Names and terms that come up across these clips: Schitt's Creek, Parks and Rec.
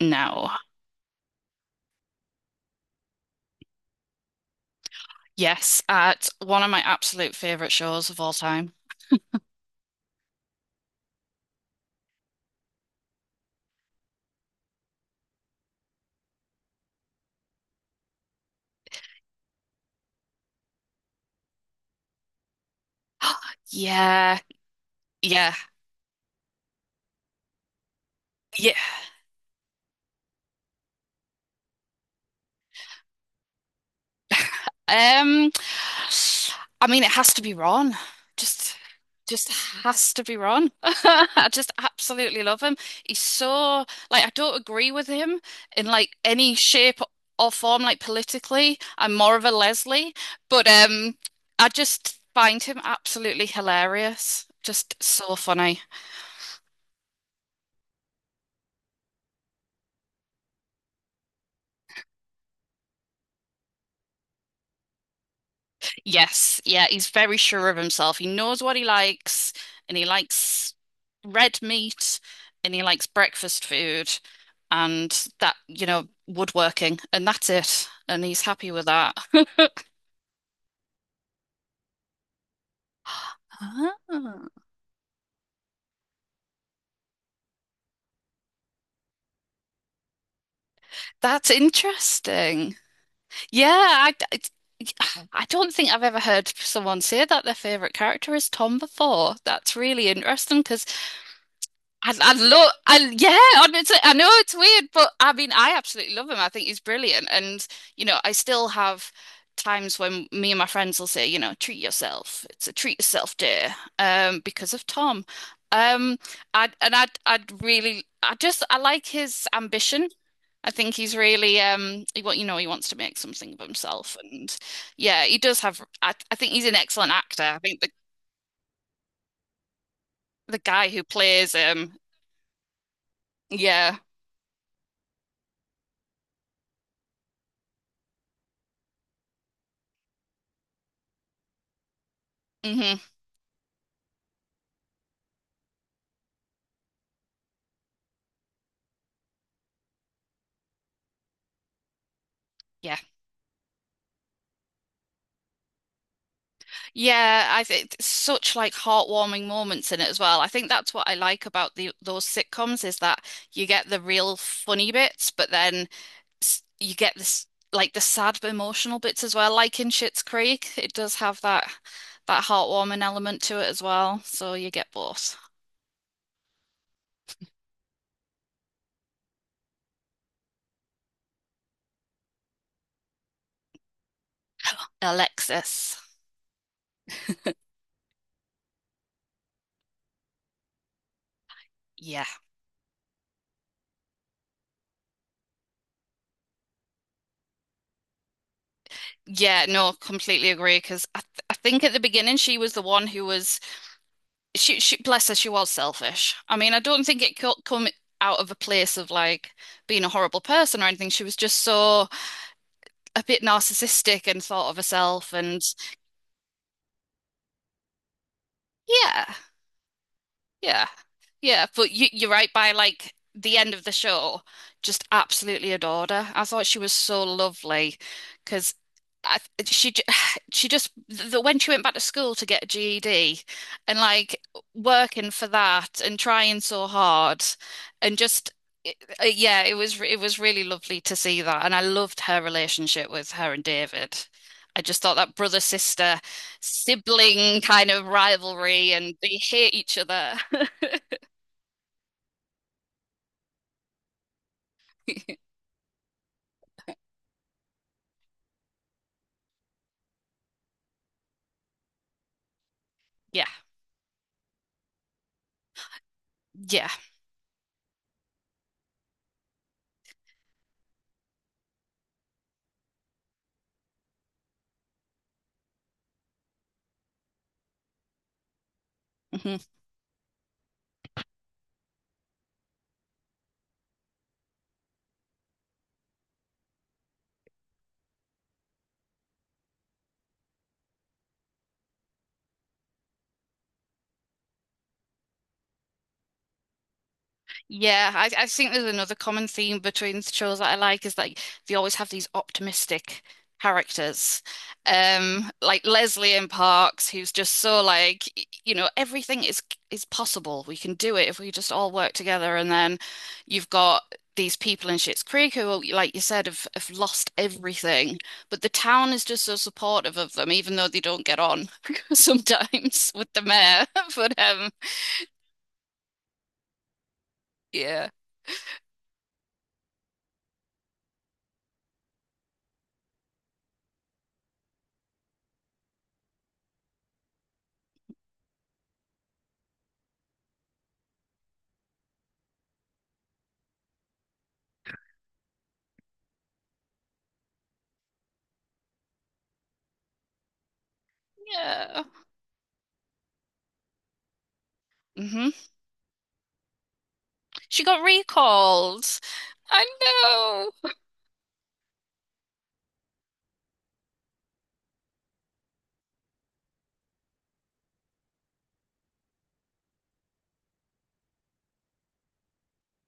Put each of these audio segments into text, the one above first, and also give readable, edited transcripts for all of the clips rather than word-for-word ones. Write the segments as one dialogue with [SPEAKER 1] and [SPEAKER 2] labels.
[SPEAKER 1] No. Yes, at one of my absolute favorite shows of all time. Yeah, yeah, yeah. Um, I mean, it has to be Ron. Just, just has to be Ron. I just absolutely love him. He's so like I don't agree with him in like any shape or form, like politically. I'm more of a Leslie, but I just find him absolutely hilarious. Just so funny. Yes, yeah, he's very sure of himself. He knows what he likes, and he likes red meat, and he likes breakfast food, and that, woodworking, and that's it. And he's happy with that. Ah, that's interesting. Yeah, I, it's- I don't think I've ever heard someone say that their favorite character is Tom before. That's really interesting because yeah, and I know it's weird, but I mean, I absolutely love him. I think he's brilliant. And, you know, I still have times when me and my friends will say, you know, treat yourself. It's a treat yourself day, because of Tom. Um, and I'd really, I just, I like his ambition. I think he's really, you know, he wants to make something of himself. And yeah, he does I think he's an excellent actor. The guy who plays him, yeah. hmm yeah. Yeah, I think such like heartwarming moments in it as well. I think that's what I like about the those sitcoms is that you get the real funny bits, but then you get this like the sad emotional bits as well. Like in Schitt's Creek, it does have that heartwarming element to it as well. So you get both. Alexis. Yeah. Yeah, no, completely agree because I think at the beginning she was the one who was she bless her, she was selfish. I mean, I don't think it co come out of a place of like being a horrible person or anything. She was just so a bit narcissistic and thought of herself and yeah. Yeah. Yeah, but you're right, by like the end of the show, just absolutely adored her. I thought she was so lovely because I, she j- she just the, when she went back to school to get a GED and like working for that and trying so hard and just it, yeah, it was really lovely to see that and I loved her relationship with her and David. I just thought that brother sister sibling kind of rivalry and they hate each other. Yeah. Yeah. Mhm. I think there's another common theme between the shows that I like is like they always have these optimistic characters. Like Leslie in Parks, who's just so like, you know, everything is possible. We can do it if we just all work together. And then you've got these people in Schitt's Creek who, oh, like you said, have lost everything. But the town is just so supportive of them, even though they don't get on sometimes with the mayor. But yeah. Yeah. Mhm. She got recalled. I know.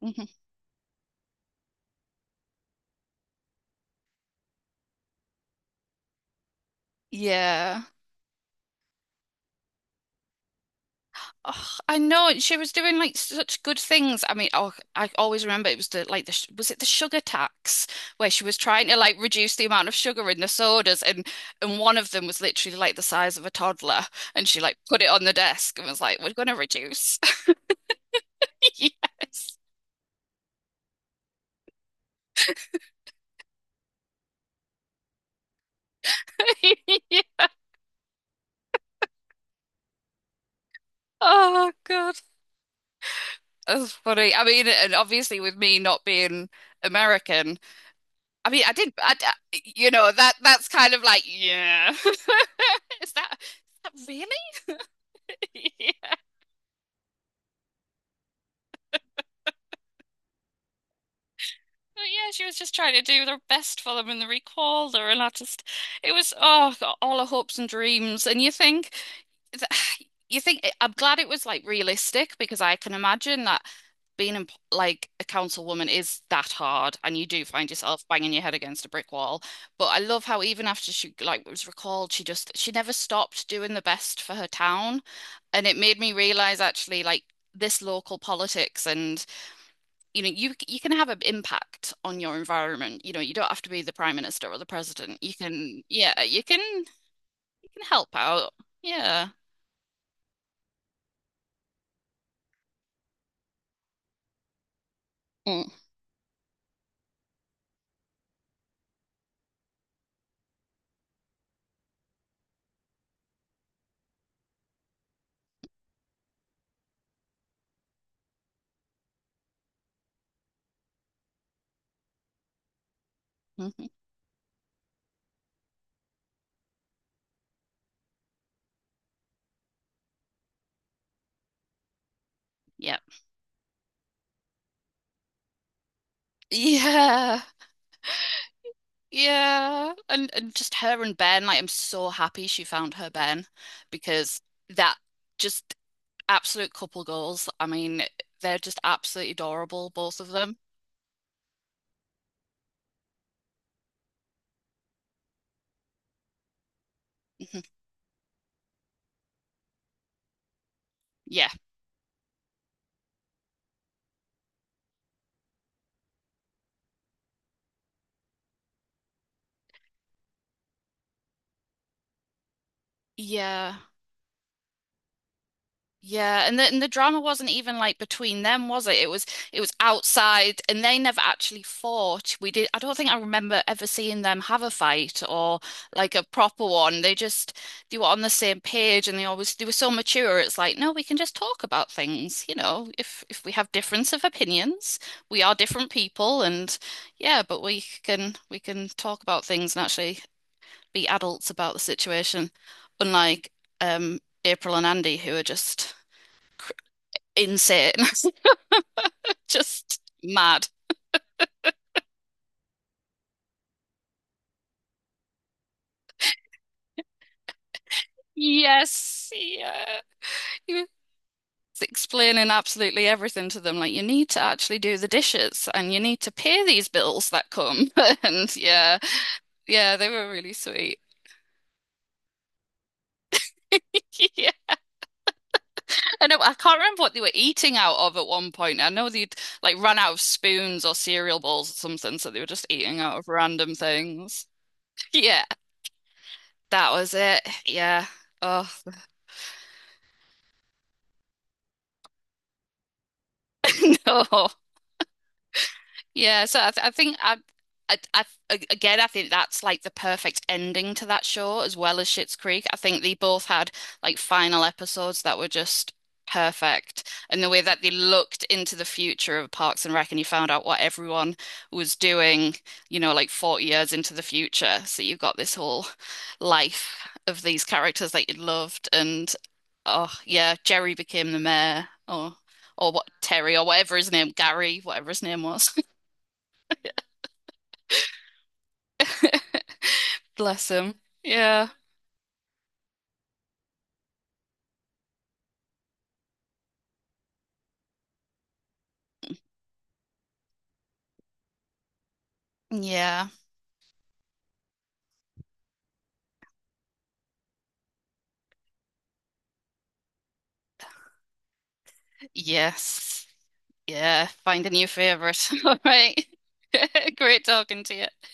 [SPEAKER 1] Mhm. Yeah. Oh, I know. And she was doing like such good things. I mean, oh, I always remember it was the like was it the sugar tax where she was trying to like reduce the amount of sugar in the sodas and one of them was literally like the size of a toddler and she like put it on the desk and was like, "We're gonna reduce." Yes. Oh God, that's funny. I mean, and obviously with me not being American. I mean, I did, I- you know, that that's kind of like, yeah. Is that really? Yeah. But yeah, she was just trying to do her best for them and they recalled her and I just it was oh got all her hopes and dreams and you think you think I'm glad it was like realistic because I can imagine that being in, like a councilwoman is that hard and you do find yourself banging your head against a brick wall. But I love how even after she like was recalled, she just she never stopped doing the best for her town. And it made me realize actually like this local politics and you know you can have an impact on your environment. You know, you don't have to be the prime minister or the president. You can yeah, you can help out. Yeah. Mm. Yep. Yeah. Yeah. And just her and Ben, like I'm so happy she found her Ben because that just absolute couple goals. I mean, they're just absolutely adorable, both of them. Mhm. Yeah. Yeah. Yeah, and the drama wasn't even like between them, was it? It was outside, and they never actually fought. We did. I don't think I remember ever seeing them have a fight or like a proper one. They just they were on the same page, and they always they were so mature. It's like, no, we can just talk about things. You know, if we have difference of opinions, we are different people, and yeah, but we can talk about things and actually be adults about the situation, unlike um April and Andy, who are just insane. Just mad. Yes. Yeah. He was explaining absolutely everything to them. Like, you need to actually do the dishes and you need to pay these bills that come. And yeah, yeah, they were really sweet. Yeah. I know, I can't remember what they were eating out of at one point. I know they'd like run out of spoons or cereal bowls or something, so they were just eating out of random things. Yeah, that was it. Yeah. Oh, no. Yeah, so I, th I think I again I think that's like the perfect ending to that show as well as Schitt's Creek. I think they both had like final episodes that were just perfect, and the way that they looked into the future of Parks and Rec and you found out what everyone was doing, you know, like 40 years into the future. So you've got this whole life of these characters that you loved, and oh yeah, Jerry became the mayor, or what Terry or whatever his name, Gary, whatever his name was. Bless him. Yeah. Yeah. Yes. Yeah. Find a new favorite. All right. Great talking to you.